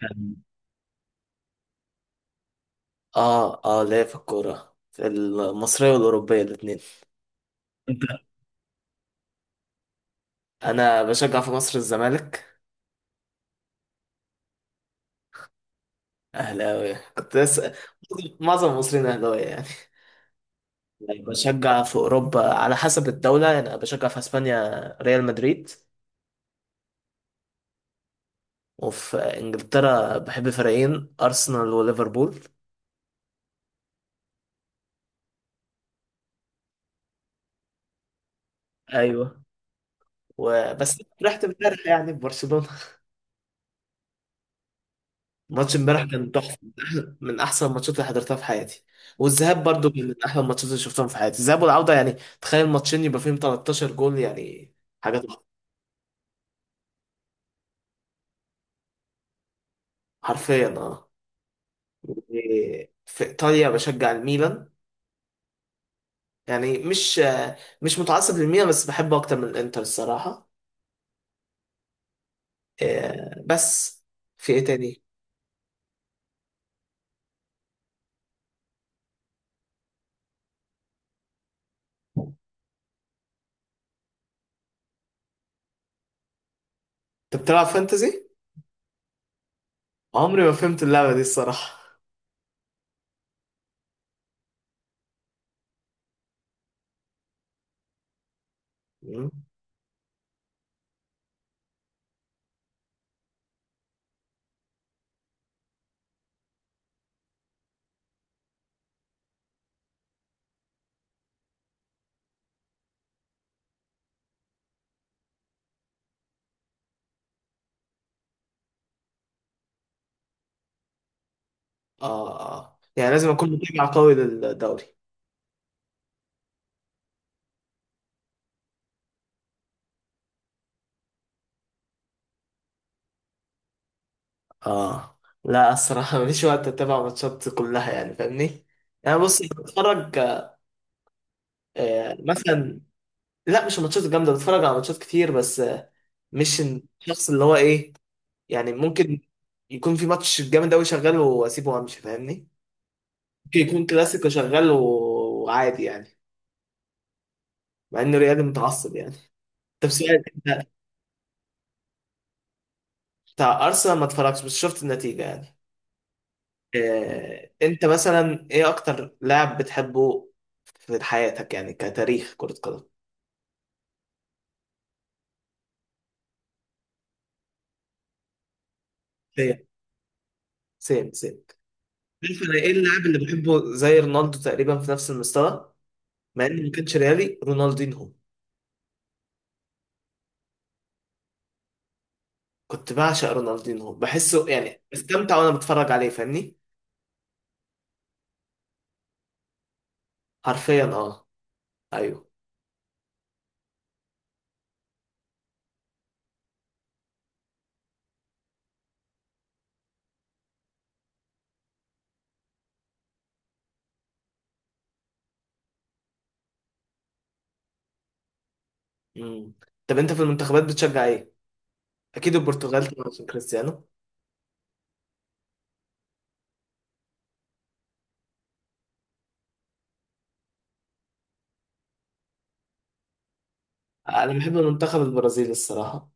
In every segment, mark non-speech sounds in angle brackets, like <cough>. كان اه ليا في الكورة، في المصرية والأوروبية الاتنين. انت أنا بشجع في مصر الزمالك. أهلاوي كنت لسه. <laughs> معظم المصريين أهلاوية يعني. بشجع في أوروبا على حسب الدولة، يعني أنا بشجع في أسبانيا ريال مدريد، وفي إنجلترا بحب فريقين: أرسنال وليفربول. أيوه، وبس رحت امبارح يعني في برشلونة. ماتش امبارح كان تحفه، من من احسن الماتشات اللي حضرتها في حياتي. والذهاب برضو كان من احلى الماتشات اللي شفتهم في حياتي، الذهاب والعوده يعني. تخيل ماتشين يبقى فيهم 13 جول يعني. حاجه تحفة. حرفيا اه. إيه، في ايطاليا بشجع الميلان. يعني مش مش متعصب للميلان، بس بحبه اكتر من الانتر الصراحه. إيه، بس في ايه تاني؟ انت بتلعب فانتزي؟ عمري ما فهمت اللعبه دي الصراحه. مم. اه اه، يعني لازم اكون متابع قوي للدوري. اه لا، الصراحة مفيش وقت اتابع ماتشات كلها يعني، فاهمني؟ يعني بص، بتفرج مثلا. لا، مش الماتشات الجامدة، بتفرج على ماتشات كتير، بس مش الشخص اللي هو ايه، يعني ممكن يكون في ماتش جامد قوي شغال واسيبه وامشي، فاهمني؟ ممكن يكون كلاسيكو شغال وعادي يعني، مع انه ريالي متعصب يعني. طب سؤال، انت بتاع ارسنال ما اتفرجتش، بس شفت النتيجة يعني. انت مثلا ايه اكتر لاعب بتحبه في حياتك، يعني كتاريخ كرة قدم؟ سيم سيم سيم. عارف انا ايه اللاعب اللي بحبه زي رونالدو تقريبا في نفس المستوى؟ مع اني ما كانش ريالي، رونالدينهو. كنت بعشق رونالدينهو، بحسه يعني بستمتع وانا بتفرج عليه، فاهمني؟ حرفيا اه. ايوه. مم. طب انت في المنتخبات بتشجع ايه؟ اكيد البرتغال طبعا عشان كريستيانو. انا بحب المنتخب البرازيلي الصراحة.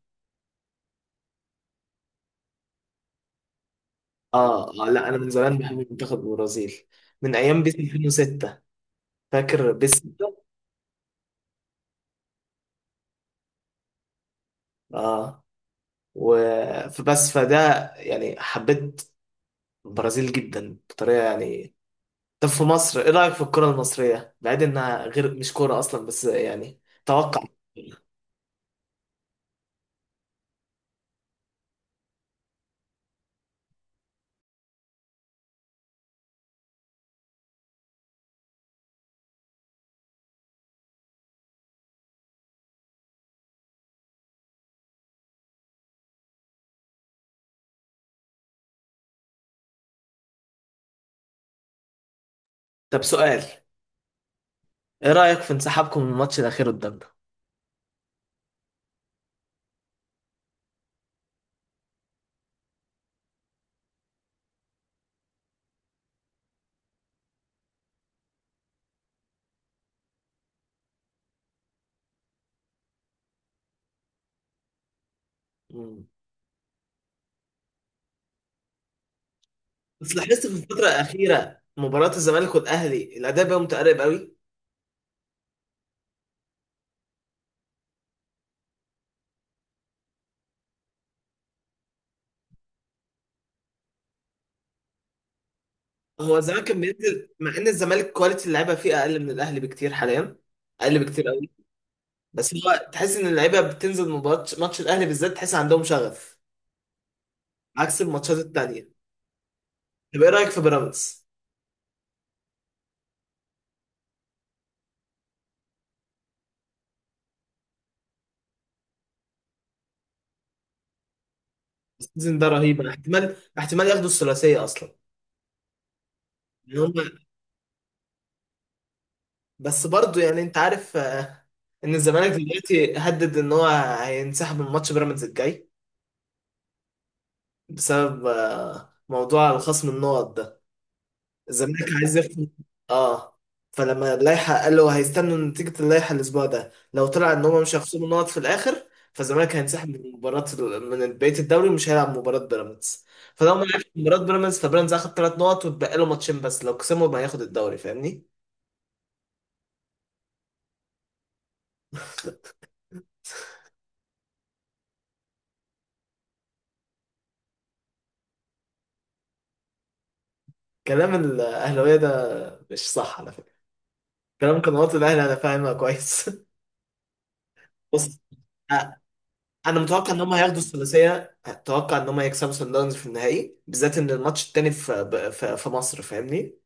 اه، لا انا من زمان بحب منتخب البرازيل، من ايام بيس 2006. فاكر بيس 6؟ اه. و فبس فده يعني، حبيت البرازيل جدا بطريقه يعني. طب في مصر، ايه رايك في الكره المصريه، بعيد انها غير مش كوره اصلا، بس يعني توقع. طب سؤال، ايه رايك في انسحابكم من الماتش الاخير قدامنا؟ مم. بس لاحظت في الفتره الاخيره، مباراه الزمالك والاهلي الاداء بقى متقارب قوي. هو زمان كان بينزل مع ان الزمالك كواليتي اللعيبه فيه اقل من الاهلي بكتير حاليا، اقل بكتير قوي. بس هو تحس ان اللعيبه بتنزل ماتش الاهلي بالذات تحس عندهم شغف، عكس الماتشات التانيه. طب ايه رايك في بيراميدز؟ السيزون ده رهيب، أنا احتمال ياخدوا الثلاثيه اصلا. إن هم، بس برضه يعني انت عارف ان الزمالك دلوقتي هدد ان هو هينسحب من ماتش بيراميدز الجاي، بسبب موضوع الخصم النقط ده. الزمالك عايز يخطف. اه، فلما اللائحه قال له هيستنوا نتيجه اللائحه الاسبوع ده، لو طلع ان هم مش هيخصموا نقط في الاخر، فالزمالك هينسحب من مباراه، من بقيه الدوري، ومش هيلعب مباراه بيراميدز. فلو ما لعبش مباراه بيراميدز، فبيراميدز هياخد ثلاث نقط وتبقى له ماتشين بس، لو كسبهم هياخد الدوري، فاهمني؟ كلام الاهلاويه ده مش صح على فكره. كلام قنوات الاهلي انا فاهمها كويس. <laughs> بص، انا متوقع ان هم هياخدوا الثلاثيه. اتوقع ان هم هيكسبوا سان داونز في النهائي، بالذات ان الماتش التاني في في مصر، فاهمني؟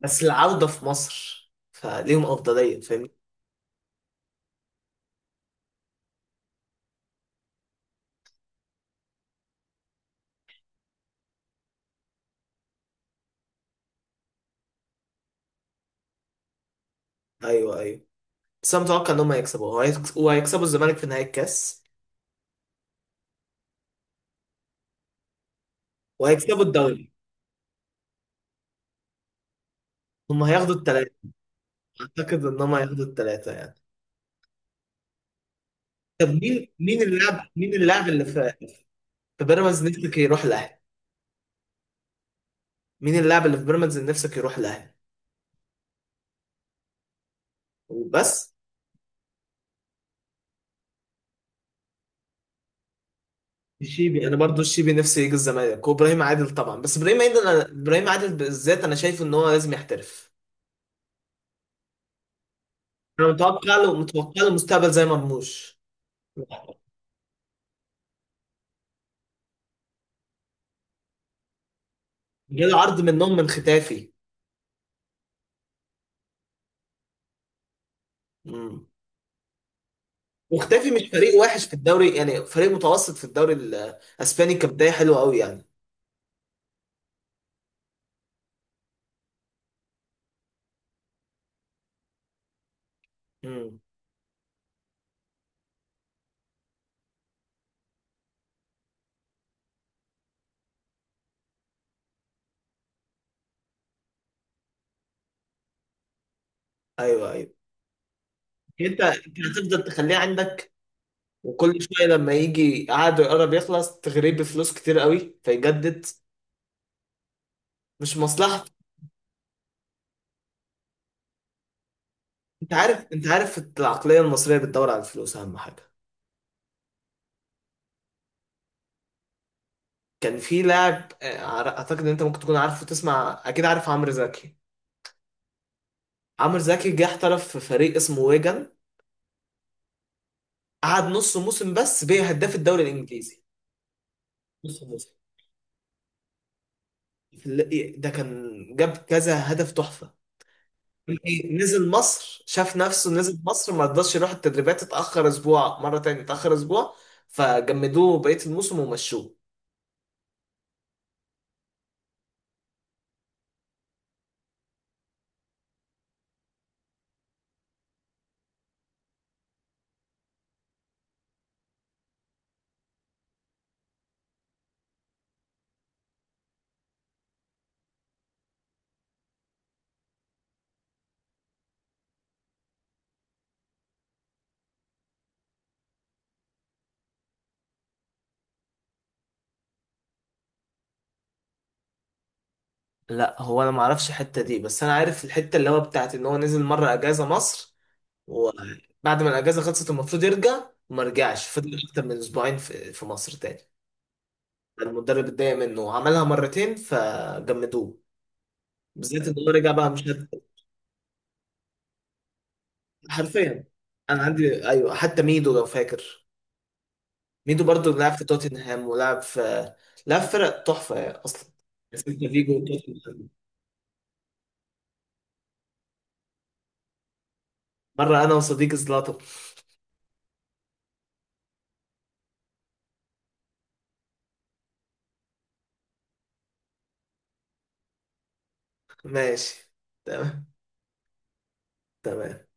بس العوده في مصر فليهم افضليه، فاهمني؟ ايوه ايوه. بس انا متوقع ان هم هيكسبوا، وهيكسبوا الزمالك في نهائي الكاس، وهيكسبوا الدوري. هم هياخدوا الثلاثه. اعتقد ان هم هياخدوا الثلاثه يعني. طب مين اللاعب اللي في في بيراميدز نفسك يروح الاهلي؟ مين اللاعب اللي في بيراميدز اللي نفسك يروح الاهلي؟ وبس؟ الشيبي انا برضو الشيبي نفسي يجي الزمالك، وابراهيم عادل طبعا. بس ابراهيم عادل أنا... ابراهيم عادل بالذات انا شايفه ان هو لازم يحترف. انا متوقع له مستقبل زي مرموش. جاله عرض منهم من ختافي؟ امم. وختافي مش فريق وحش في الدوري يعني، فريق متوسط في الدوري الاسباني، كبدايه حلوه قوي يعني. امم. ايوه ايوه. انت هتفضل تخليه عندك، وكل شويه لما يجي عقده يقرب يخلص تغريه بفلوس كتير قوي فيجدد. مش مصلحه. انت عارف العقليه المصريه بتدور على الفلوس اهم حاجه. كان في لاعب اعتقد ان انت ممكن تكون عارفه، تسمع، اكيد عارف عمرو زكي. عمرو زكي جه احترف في فريق اسمه ويجن. قعد نص موسم بس بيه هداف الدوري الانجليزي. نص موسم ده كان جاب كذا هدف تحفه. نزل مصر، شاف نفسه، نزل مصر ما رضاش يروح التدريبات، اتاخر اسبوع، مره تاني اتاخر اسبوع، فجمدوه بقيه الموسم ومشوه. لا هو انا ما اعرفش الحته دي، بس انا عارف الحته اللي هو بتاعت ان هو نزل مره اجازه مصر، وبعد ما الاجازه خلصت المفروض يرجع وما رجعش، فضل اكتر من اسبوعين في مصر تاني. المدرب اتضايق منه وعملها مرتين فجمدوه، بالذات ان هو رجع بقى مش حرفيا. انا عندي ايوه، حتى ميدو لو فاكر. ميدو برضو لعب في توتنهام ولعب في، لعب في فرق تحفه يعني اصلا. بس انت فيجو وتوتنهام. مره انا وصديقي زلاطه. ماشي. تمام. تمام.